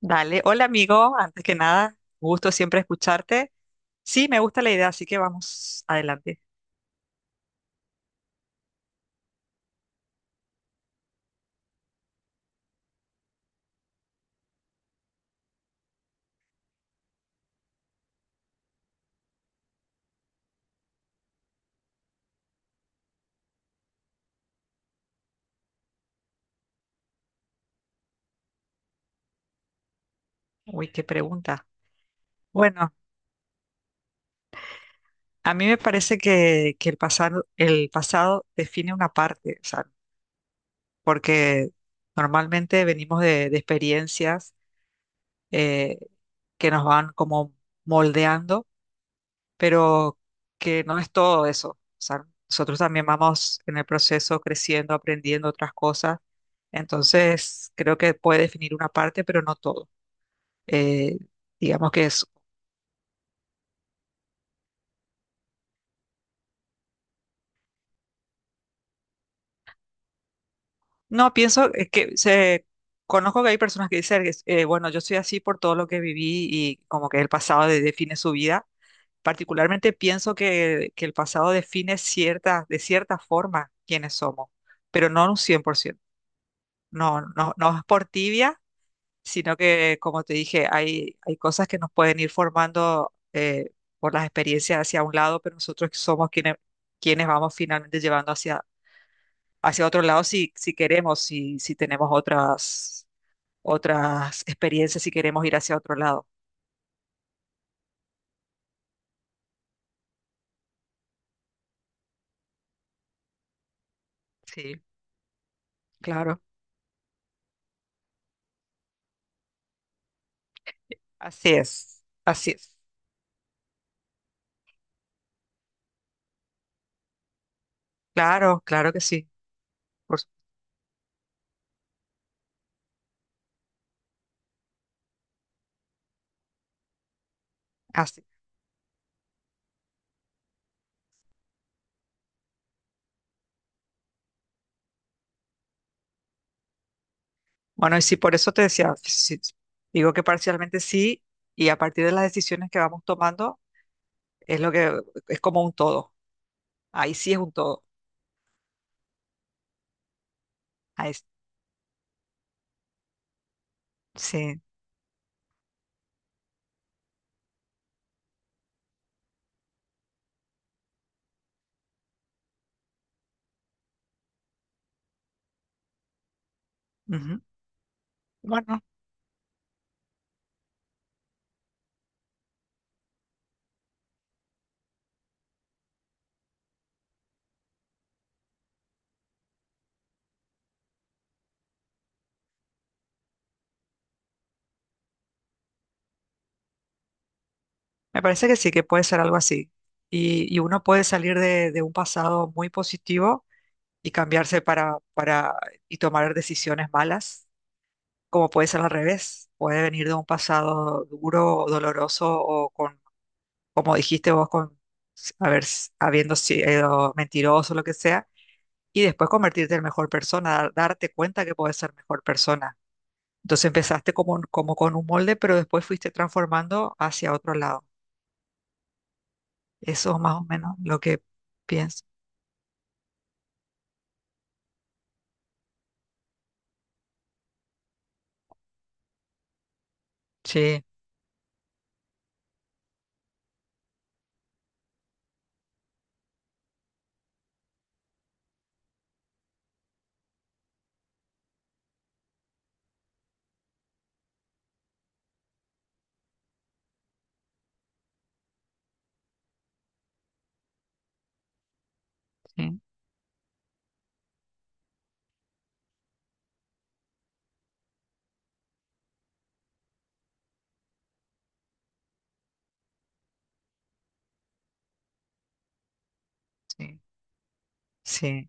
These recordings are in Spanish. Dale, hola amigo, antes que nada, gusto siempre escucharte. Sí, me gusta la idea, así que vamos adelante. Uy, qué pregunta. Bueno, a mí me parece que el pasado define una parte, o sea, porque normalmente venimos de experiencias eh, que nos van como moldeando, pero que no es todo eso. O sea, nosotros también vamos en el proceso creciendo, aprendiendo otras cosas. Entonces, creo que puede definir una parte, pero no todo. Eh, digamos que es... No, pienso que se... Conozco que hay personas que dicen, bueno, yo soy así por todo lo que viví y como que el define su vida. Particularmente pienso que el pasado define cierta, de cierta forma quiénes somos, pero no un cien por ciento. No, no, no es por tibia, sino que, como te dije, hay cosas que nos pueden ir formando por las experiencias hacia un lado, pero nosotros somos quienes vamos finalmente llevando hacia, hacia otro lado si, si queremos, si, si tenemos otras, otras experiencias, si queremos ir hacia otro lado. Sí, claro, así es, así es. Claro, claro que sí. por su- Así. Bueno, y sí, por eso te decía, sí, digo que parcialmente sí, y a partir de las decisiones que vamos tomando, es lo que es como un todo. Ahí sí es un todo. Ahí s- sí. Ujú. Bueno, me parece que sí, que puede ser algo así. Y uno puede salir de un pasado muy positivo y cambiarse para y tomar decisiones malas, como puede ser al revés. Puede venir de un pasado duro o doloroso o con, como dijiste vos, con habiendo sido mentiroso, lo que sea, y después convertirte en mejor persona, darte cuenta que puedes ser mejor persona. Entonces empezaste como, como con un molde, pero después fuiste transformando hacia otro lado. Eso es más o menos lo que pienso. Sí, sí, sí, sí.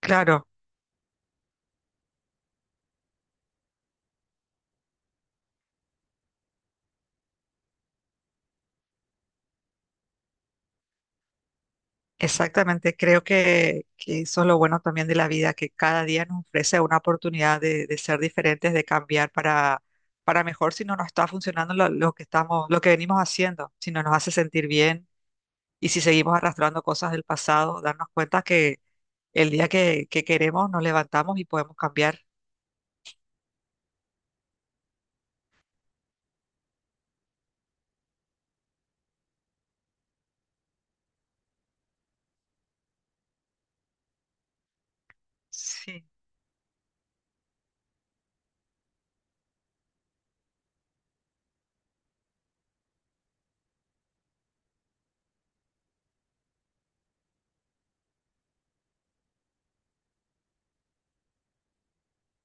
Claro, exactamente. Creo que eso es lo bueno también de la vida, que cada día nos ofrece una oportunidad de ser diferentes, de cambiar para mejor si no nos está funcionando lo que estamos, lo que venimos haciendo, si no nos hace sentir bien y si seguimos arrastrando cosas del pasado, darnos cuenta que el día que queremos nos levantamos y podemos cambiar. Sí,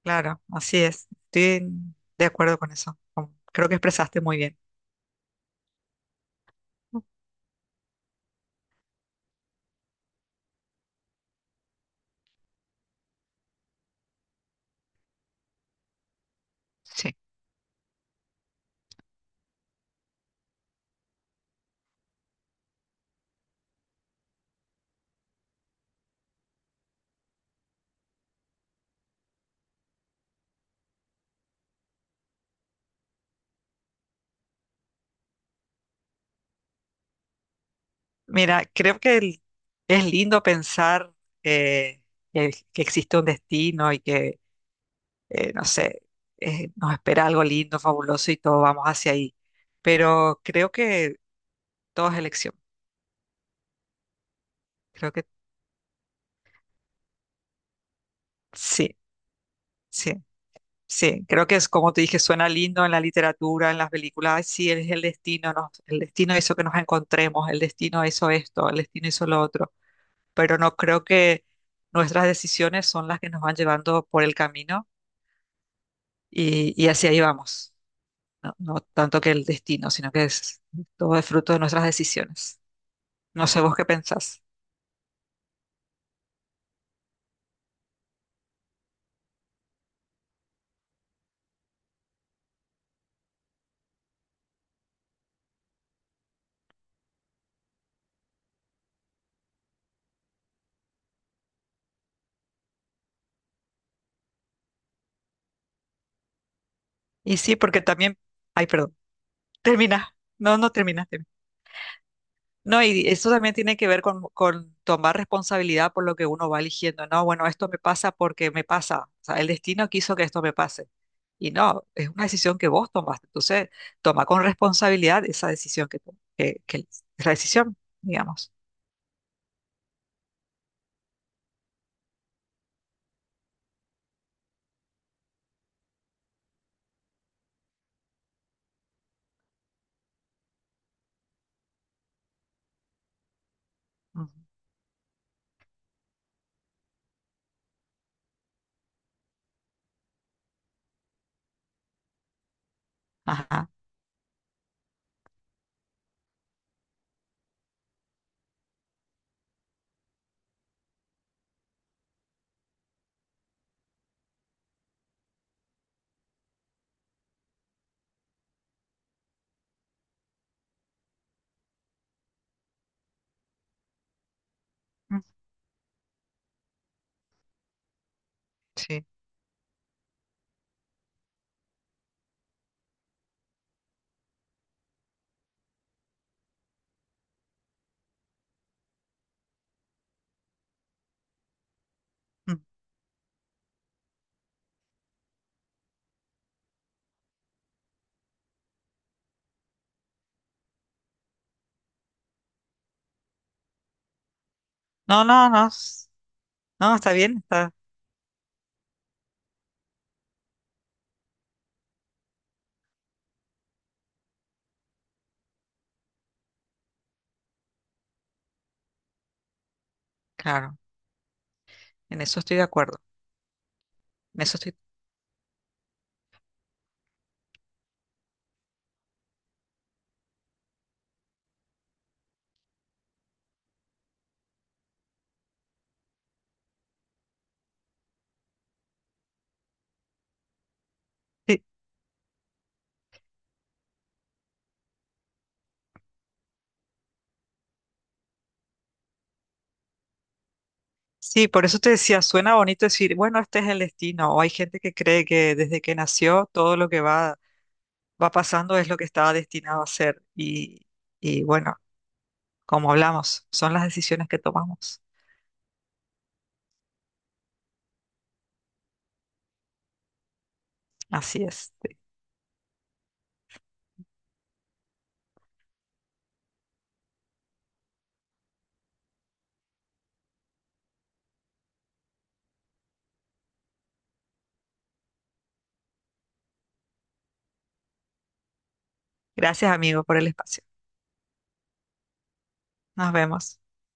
claro, así es. Estoy de acuerdo con eso. Creo que expresaste muy bien. Sí. Mira, creo que es lindo pensar eh, que existe un destino y que, no sé, nos espera algo lindo, fabuloso y todos vamos hacia ahí. Pero creo que todo es elección. Creo que sí, sí. Sí, creo que es como te dije, suena lindo en la literatura, en las películas. Ay, sí, es el destino, el destino hizo que nos encontremos, el destino hizo esto, el destino hizo lo otro. Pero no creo que nuestras decisiones son las que nos van llevando por el camino y hacia ahí vamos. No, no tanto que el destino, sino que es todo es fruto de nuestras decisiones. No sé vos qué pensás. Y sí, porque también. Ay, perdón. Termina. No, no terminaste. No, y eso también tiene que ver con tomar responsabilidad por lo que uno va eligiendo. No, bueno, esto me pasa porque me pasa. O sea, el destino quiso que esto me pase. Y no, es una decisión que vos tomaste. Entonces, toma con responsabilidad esa decisión que la decisión, digamos. Ujú. Ajá. Mm. Sí. Mm. No, no, no. No, está bien, está claro. En eso estoy de acuerdo. En eso estoy. Sí. Sí, por eso te decía, suena bonito decir, bueno, este es el destino, o hay gente que cree que desde que nació todo lo que va, va pasando es lo que estaba destinado a ser. Y bueno, como hablamos, son las decisiones que tomamos. Así es. Gracias, amigo, por el espacio. Nos vemos.